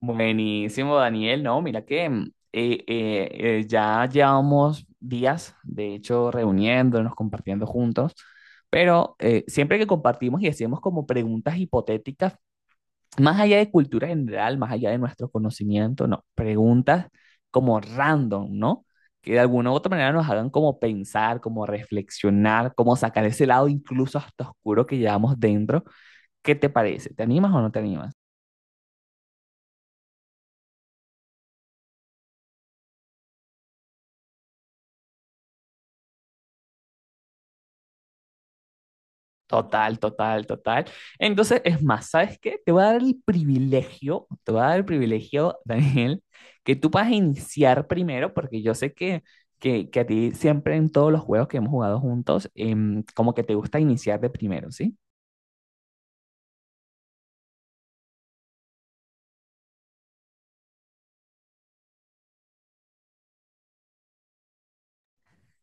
Buenísimo, Daniel. No, mira que ya llevamos días, de hecho, reuniéndonos, compartiendo juntos, pero siempre que compartimos y hacemos como preguntas hipotéticas, más allá de cultura general, más allá de nuestro conocimiento, no, preguntas como random, ¿no? Que de alguna u otra manera nos hagan como pensar, como reflexionar, como sacar ese lado incluso hasta oscuro que llevamos dentro. ¿Qué te parece? ¿Te animas o no te animas? Total, total, total. Entonces, es más, ¿sabes qué? Te voy a dar el privilegio, te voy a dar el privilegio, Daniel, que tú vas a iniciar primero, porque yo sé que a ti siempre en todos los juegos que hemos jugado juntos, como que te gusta iniciar de primero, ¿sí?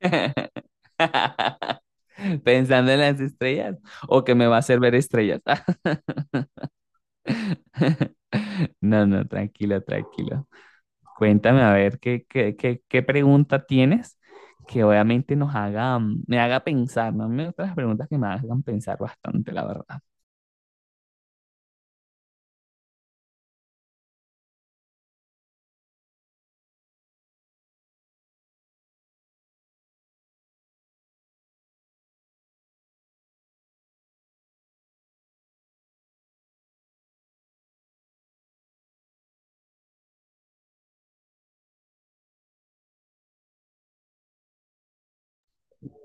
Pensando en las estrellas o que me va a hacer ver estrellas. No, no, tranquilo, tranquilo. Cuéntame a ver qué pregunta tienes que obviamente nos haga, me haga pensar, ¿no? A mí me gustan las preguntas que me hagan pensar bastante, la verdad.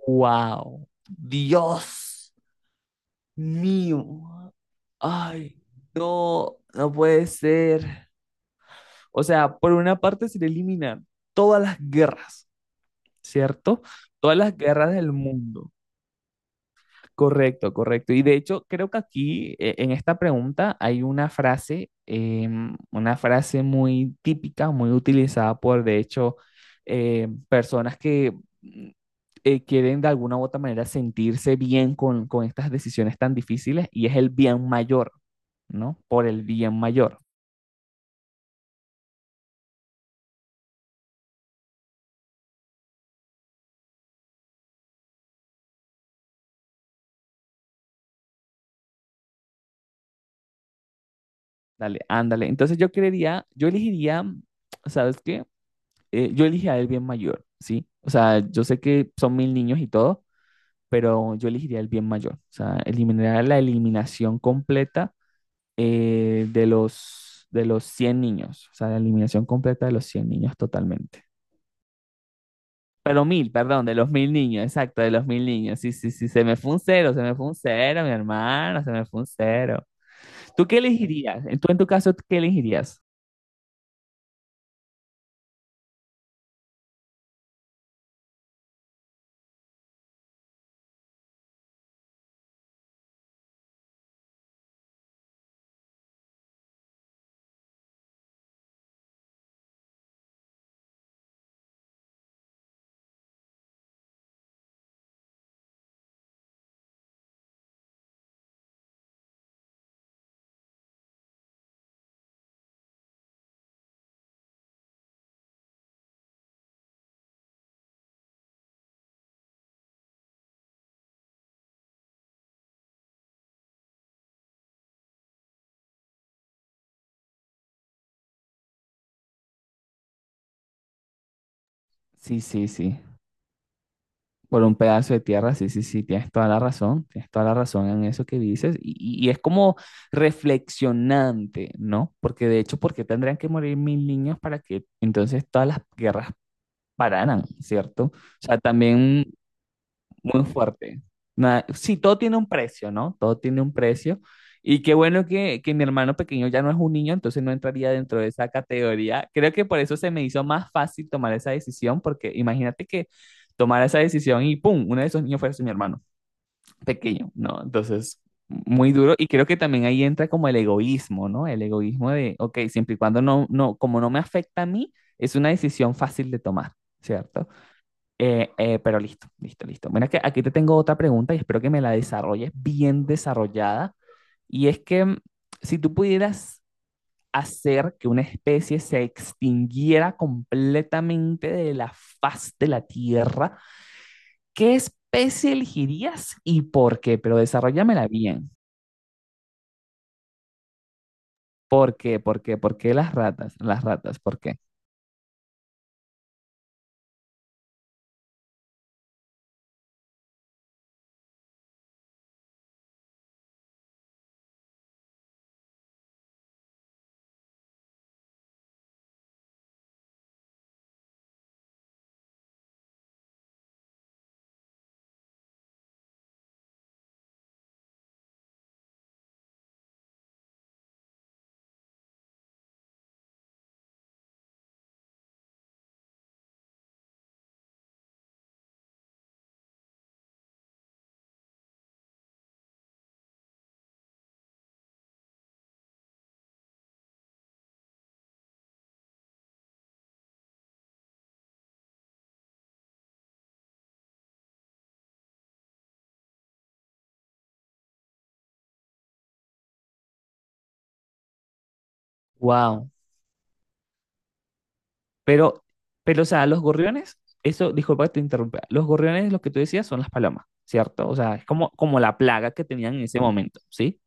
¡Wow! ¡Dios mío! ¡Ay, no! No puede ser. O sea, por una parte se eliminan todas las guerras, ¿cierto? Todas las guerras del mundo. Correcto, correcto. Y de hecho, creo que aquí en esta pregunta hay una frase, una frase muy típica, muy utilizada por, de hecho, personas que mm, quieren de alguna u otra manera sentirse bien con estas decisiones tan difíciles y es el bien mayor, ¿no? Por el bien mayor. Dale, ándale. Entonces yo creería, yo elegiría, ¿sabes qué? Yo elegiría el bien mayor, ¿sí? O sea, yo sé que son 1.000 niños y todo, pero yo elegiría el bien mayor. O sea, eliminaría la eliminación completa de los 100 niños. O sea, la eliminación completa de los 100 niños totalmente. Pero mil, perdón, de los mil niños, exacto, de los mil niños. Sí, sí, sí, se me fue un cero, se me fue un cero, mi hermano, se me fue un cero. ¿Tú qué elegirías? Tú en tu caso, ¿qué elegirías? Sí, sí, sí. Por un pedazo de tierra, sí, sí, sí, tienes toda la razón, tienes toda la razón en eso que dices, y, y es como reflexionante, ¿no? Porque de hecho, ¿por qué tendrían que morir 1.000 niños para que entonces todas las guerras pararan, ¿cierto? O sea, también muy fuerte. Nada, sí, todo tiene un precio, ¿no? Todo tiene un precio. Y qué bueno que mi hermano pequeño ya no es un niño, entonces no entraría dentro de esa categoría. Creo que por eso se me hizo más fácil tomar esa decisión, porque imagínate que tomara esa decisión y ¡pum! Uno de esos niños fuese mi hermano pequeño, ¿no? Entonces, muy duro. Y creo que también ahí entra como el egoísmo, ¿no? El egoísmo de, ok, siempre y cuando no, no, como no me afecta a mí, es una decisión fácil de tomar, ¿cierto? Pero listo, listo, listo. Mira que aquí te tengo otra pregunta y espero que me la desarrolles bien desarrollada. Y es que si tú pudieras hacer que una especie se extinguiera completamente de la faz de la Tierra, ¿qué especie elegirías y por qué? Pero desarróllamela bien. ¿Por qué? ¿Por qué? ¿Por qué las ratas? Las ratas, ¿por qué? ¡Wow! Pero, pero, o sea, los gorriones, eso, disculpa que te interrumpa, los gorriones, lo que tú decías, son las palomas, ¿cierto? O sea, es como, como la plaga que tenían en ese momento, ¿sí?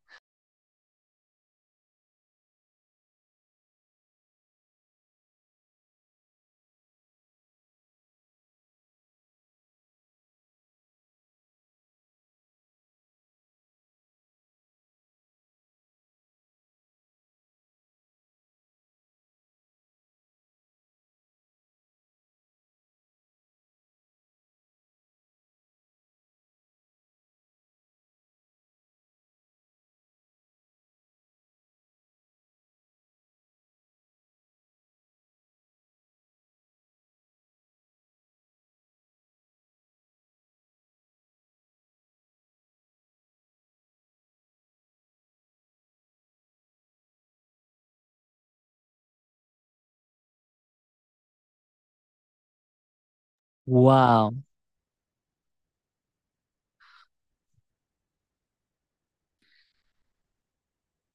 ¡Wow!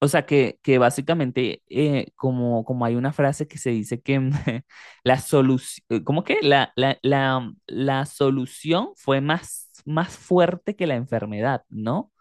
O sea, que básicamente, como, como hay una frase que se dice que la solución, ¿cómo que? La solución fue más, más fuerte que la enfermedad, ¿no?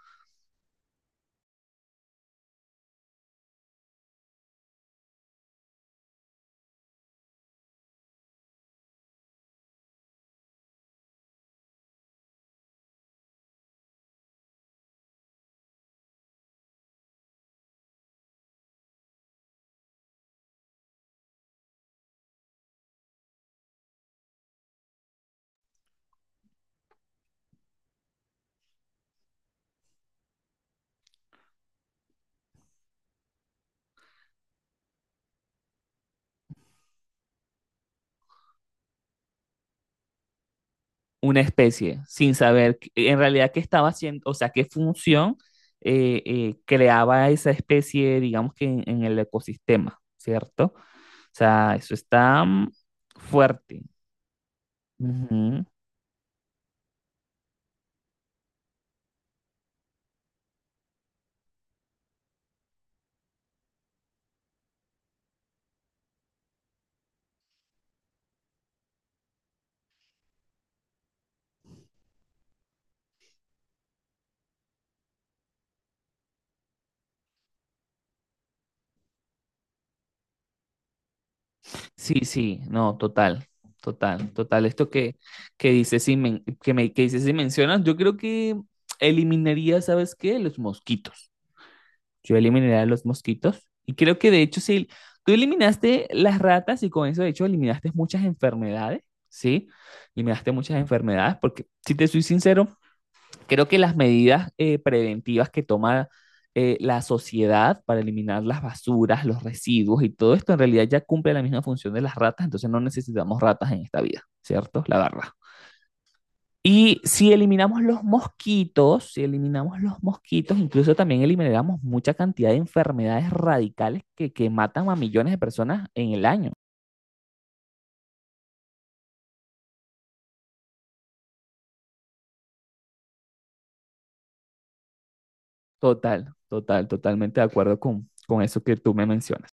Una especie sin saber en realidad qué estaba haciendo, o sea, qué función creaba esa especie, digamos que en el ecosistema, ¿cierto? O sea, eso está fuerte. Ujú. Sí, sí, no, total, total, total. Esto que dices, si que dices, si mencionas, yo creo que eliminaría, ¿sabes qué? Los mosquitos. Yo eliminaré a los mosquitos. Y creo que de hecho, si tú eliminaste las ratas y con eso, de hecho, eliminaste muchas enfermedades, ¿sí? Eliminaste muchas enfermedades, porque si te soy sincero, creo que las medidas preventivas que toma la sociedad para eliminar las basuras, los residuos y todo esto, en realidad ya cumple la misma función de las ratas, entonces no necesitamos ratas en esta vida, ¿cierto? La verdad. Y si eliminamos los mosquitos, si eliminamos los mosquitos, incluso también eliminamos mucha cantidad de enfermedades radicales que matan a millones de personas en el año. Total, total, totalmente de acuerdo con eso que tú me mencionas.